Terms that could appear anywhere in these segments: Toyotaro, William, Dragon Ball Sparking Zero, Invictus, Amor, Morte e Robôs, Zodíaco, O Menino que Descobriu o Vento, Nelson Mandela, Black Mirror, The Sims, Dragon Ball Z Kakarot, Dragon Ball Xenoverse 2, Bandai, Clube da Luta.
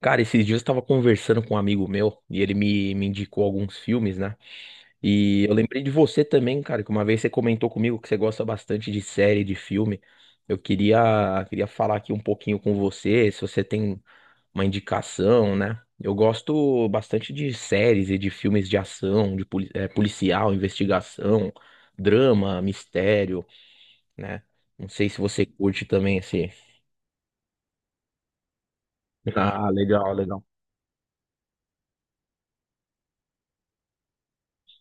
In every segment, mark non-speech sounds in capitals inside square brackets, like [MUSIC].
Cara, esses dias eu tava conversando com um amigo meu e ele me indicou alguns filmes, né? E eu lembrei de você também, cara, que uma vez você comentou comigo que você gosta bastante de série, de filme. Eu queria falar aqui um pouquinho com você, se você tem uma indicação, né? Eu gosto bastante de séries e de filmes de ação, de policial, investigação, drama, mistério, né? Não sei se você curte também esse. [LAUGHS] Ah, legal, legal.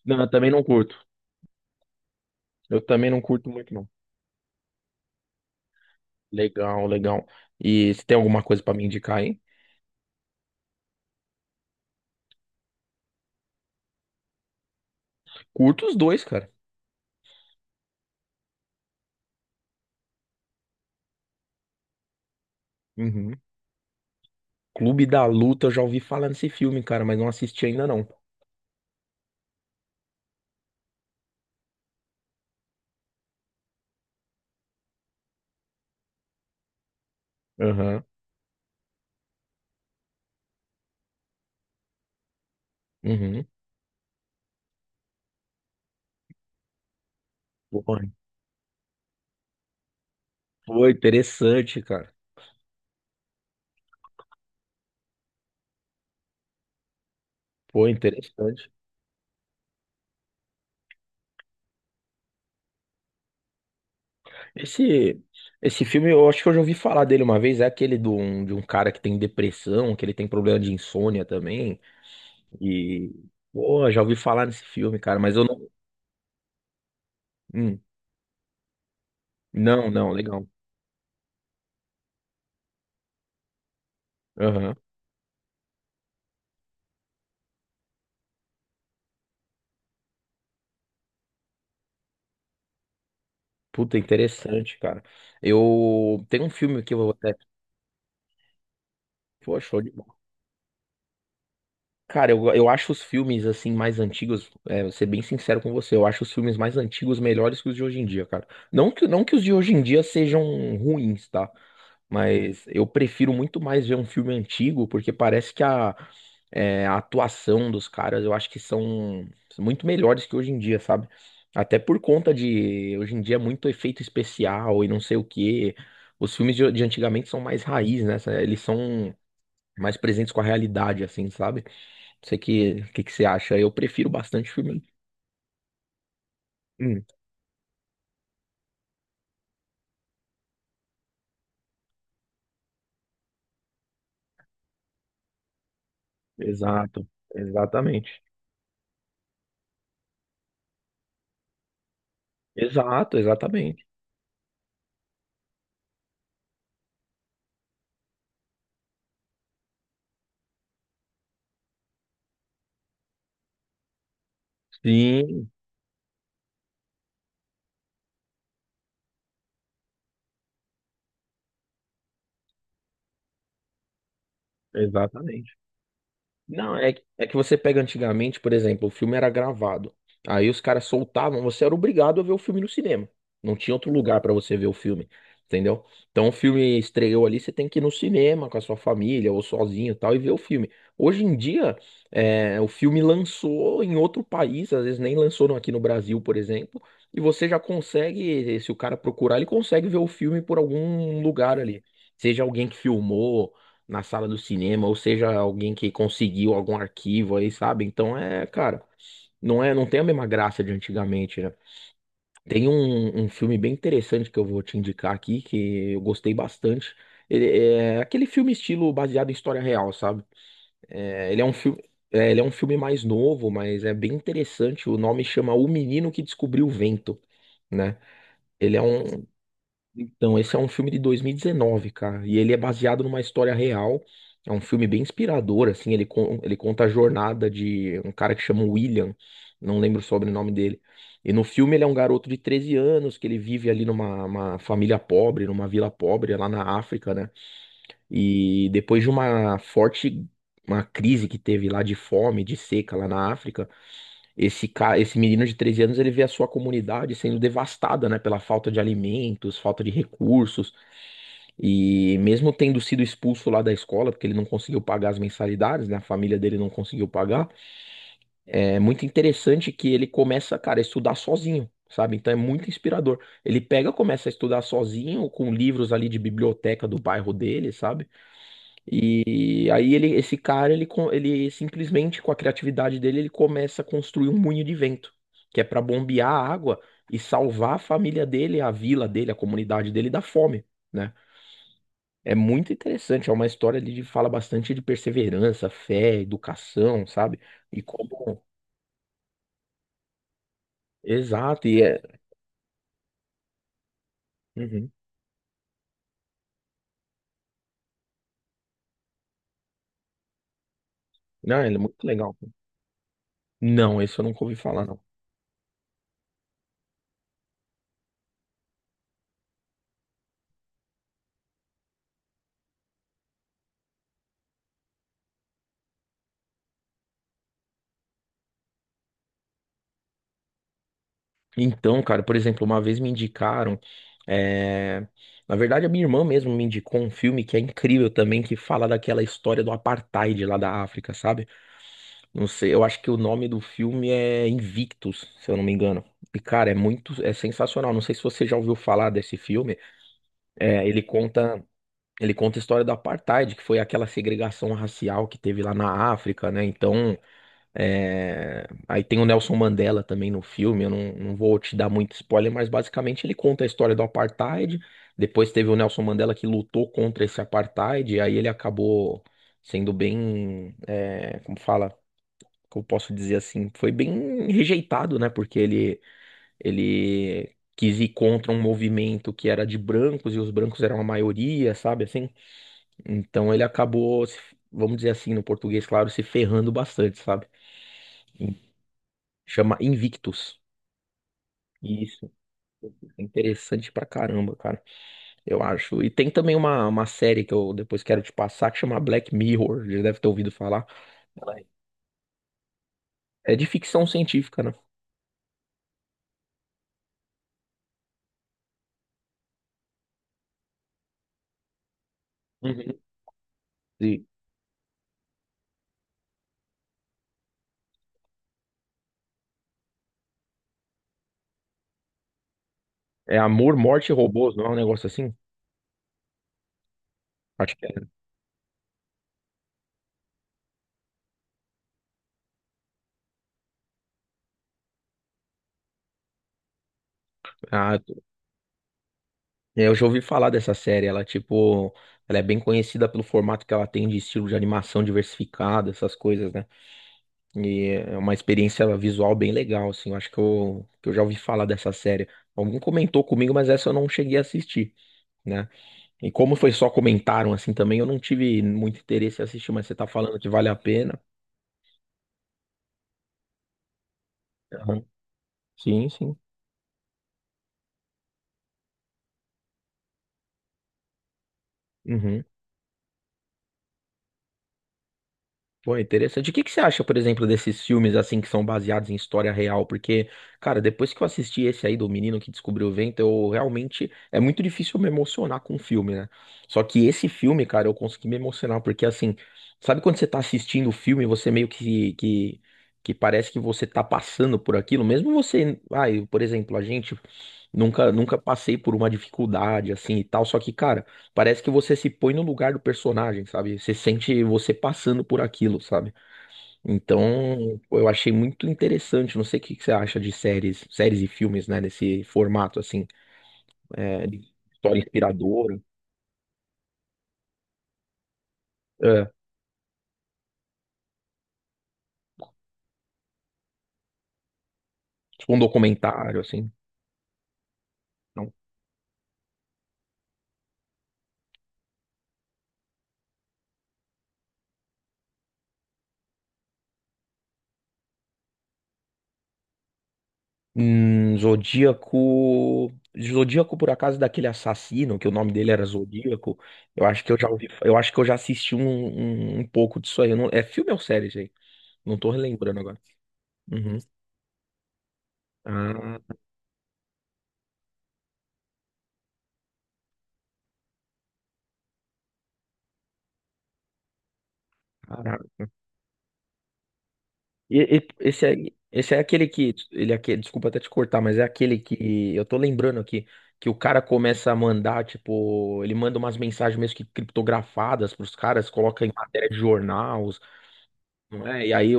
Não, eu também não curto. Eu também não curto muito, não. Legal, legal. E você tem alguma coisa pra me indicar aí? Curto os dois, cara. Uhum. Clube da Luta, eu já ouvi falar nesse filme, cara, mas não assisti ainda não. Aham. Uhum. Pô, pô, interessante, cara. Pô, interessante. Esse, esse filme, eu acho que eu já ouvi falar dele uma vez. É aquele de um cara que tem depressão, que ele tem problema de insônia também. E, pô, já ouvi falar nesse filme, cara, mas eu não. Hum, não, legal. Aham. Puta, interessante, cara. Eu. Tem um filme que eu vou até. Pô, show de. Cara, eu acho os filmes assim mais antigos, é, vou ser bem sincero com você, eu acho os filmes mais antigos melhores que os de hoje em dia, cara. Não que os de hoje em dia sejam ruins, tá? Mas eu prefiro muito mais ver um filme antigo, porque parece que a atuação dos caras eu acho que são muito melhores que hoje em dia, sabe? Até por conta de hoje em dia é muito efeito especial e não sei o quê. Os filmes de antigamente são mais raiz, né? Eles são mais presentes com a realidade, assim, sabe? Você que você acha? Eu prefiro bastante filme. Hum, exato, exatamente. Exato, exatamente. Sim, exatamente. Não, é, é que você pega antigamente, por exemplo, o filme era gravado. Aí os caras soltavam, você era obrigado a ver o filme no cinema. Não tinha outro lugar pra você ver o filme, entendeu? Então o filme estreou ali, você tem que ir no cinema com a sua família ou sozinho e tal e ver o filme. Hoje em dia, é, o filme lançou em outro país, às vezes nem lançou no- aqui no Brasil, por exemplo, e você já consegue, se o cara procurar, ele consegue ver o filme por algum lugar ali. Seja alguém que filmou na sala do cinema, ou seja, alguém que conseguiu algum arquivo aí, sabe? Então é, cara, não tem a mesma graça de antigamente, né? Tem um filme bem interessante que eu vou te indicar aqui, que eu gostei bastante. Ele é aquele filme estilo baseado em história real, sabe? É, ele é um filme, é, ele é um filme mais novo, mas é bem interessante. O nome chama O Menino que Descobriu o Vento, né? Ele é um, então, esse é um filme de 2019, cara, e ele é baseado numa história real. É um filme bem inspirador, assim, ele, ele conta a jornada de um cara que chama William, não lembro o sobrenome dele. E no filme ele é um garoto de 13 anos que ele vive ali numa uma família pobre, numa vila pobre é lá na África, né? E depois de uma forte uma crise que teve lá de fome, de seca lá na África, esse menino de 13 anos, ele vê a sua comunidade sendo devastada, né, pela falta de alimentos, falta de recursos. E mesmo tendo sido expulso lá da escola, porque ele não conseguiu pagar as mensalidades, né? A família dele não conseguiu pagar. É muito interessante que ele começa, cara, a estudar sozinho, sabe? Então é muito inspirador. Ele pega, começa a estudar sozinho, com livros ali de biblioteca do bairro dele, sabe? E aí ele, esse cara, ele, ele simplesmente, com a criatividade dele, ele começa a construir um moinho de vento, que é para bombear a água e salvar a família dele, a vila dele, a comunidade dele da fome. Né? É muito interessante, é uma história ali de fala bastante de perseverança, fé, educação, sabe? E como. Exato, e é. Uhum. Não, ele é muito legal. Não, esse eu nunca ouvi falar, não. Então, cara, por exemplo, uma vez me indicaram. É, Na verdade, a minha irmã mesmo me indicou um filme que é incrível também, que fala daquela história do apartheid lá da África, sabe? Não sei, eu acho que o nome do filme é Invictus, se eu não me engano. E, cara, é muito, é sensacional. Não sei se você já ouviu falar desse filme. É, ele conta a história do apartheid, que foi aquela segregação racial que teve lá na África, né? Então, é, aí tem o Nelson Mandela também no filme. Eu não vou te dar muito spoiler, mas basicamente ele conta a história do apartheid. Depois teve o Nelson Mandela que lutou contra esse apartheid, e aí ele acabou sendo bem, é, como fala, como posso dizer assim, foi bem rejeitado, né? Porque ele quis ir contra um movimento que era de brancos e os brancos eram a maioria, sabe assim? Então ele acabou, vamos dizer assim, no português, claro, se ferrando bastante, sabe? Chama Invictus. Isso, é interessante pra caramba, cara, eu acho. E tem também uma série que eu depois quero te passar que chama Black Mirror, já deve ter ouvido falar. Ela é de ficção científica, né? Uhum. E É Amor, Morte e Robôs, não é um negócio assim? Acho que é. Ah, É, Eu já ouvi falar dessa série, ela tipo, ela é bem conhecida pelo formato que ela tem de estilo de animação diversificado, essas coisas, né? E é uma experiência visual bem legal, assim, eu acho que eu já ouvi falar dessa série. Alguém comentou comigo, mas essa eu não cheguei a assistir, né? E como foi só comentaram assim também, eu não tive muito interesse em assistir, mas você tá falando que vale a pena. Aham. Sim, sim. Uhum. Pô, interessante. O que que você acha, por exemplo, desses filmes assim que são baseados em história real? Porque, cara, depois que eu assisti esse aí do Menino que Descobriu o Vento, eu realmente é muito difícil me emocionar com o filme, né? Só que esse filme, cara, eu consegui me emocionar porque assim, sabe quando você tá assistindo o filme, e você meio que parece que você tá passando por aquilo, mesmo você, ai, por exemplo, a gente Nunca, nunca passei por uma dificuldade assim e tal. Só que, cara, parece que você se põe no lugar do personagem, sabe? Você sente você passando por aquilo, sabe? Então, eu achei muito interessante. Não sei o que que você acha de séries, séries e filmes, né? Nesse formato assim, é, de história inspiradora, é, tipo um documentário, assim. Então. Zodíaco. Zodíaco, por acaso, daquele assassino, que o nome dele era Zodíaco. Eu acho que eu já ouvi, eu acho que eu já assisti um, um, um pouco disso aí. Eu não- é filme ou série, gente? Não tô relembrando agora. Uhum. Ah, caraca. Esse aí, esse é aquele que. Ele é aquele, desculpa até te cortar, mas é aquele que. Eu tô lembrando aqui. Que o cara começa a mandar, tipo, ele manda umas mensagens mesmo que criptografadas pros caras, coloca em matéria de jornais, não é? E aí,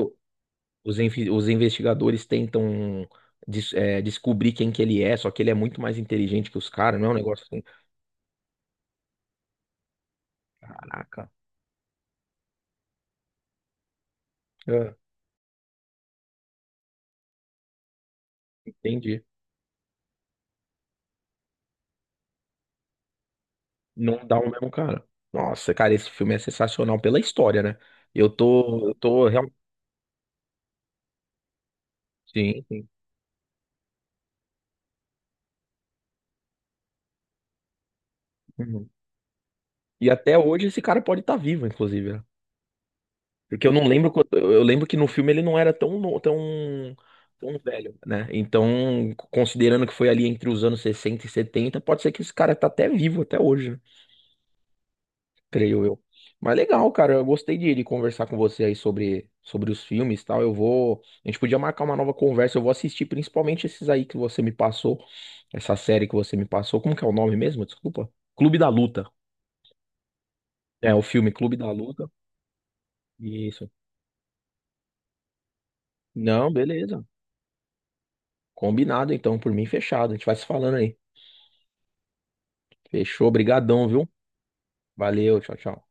Os, os investigadores tentam descobrir quem que ele é, só que ele é muito mais inteligente que os caras, não é um negócio assim, caraca, É. entendi. Não dá o mesmo cara. Nossa, cara, esse filme é sensacional pela história, né? Eu tô realmente. Sim, sim. Uhum. E até hoje esse cara pode estar vivo, inclusive, né? Porque eu não lembro, eu lembro que no filme ele não era tão, tão, tão velho, né? Então, considerando que foi ali entre os anos 60 e 70 pode ser que esse cara tá até vivo até hoje, creio eu. Mas legal, cara, eu gostei de conversar com você aí sobre os filmes e tal. Eu vou. A gente podia marcar uma nova conversa. Eu vou assistir principalmente esses aí que você me passou, essa série que você me passou. Como que é o nome mesmo? Desculpa. Clube da Luta. É, o filme Clube da Luta. Isso. Não, beleza. Combinado então, por mim fechado. A gente vai se falando aí. Fechou, brigadão, viu? Valeu, tchau, tchau.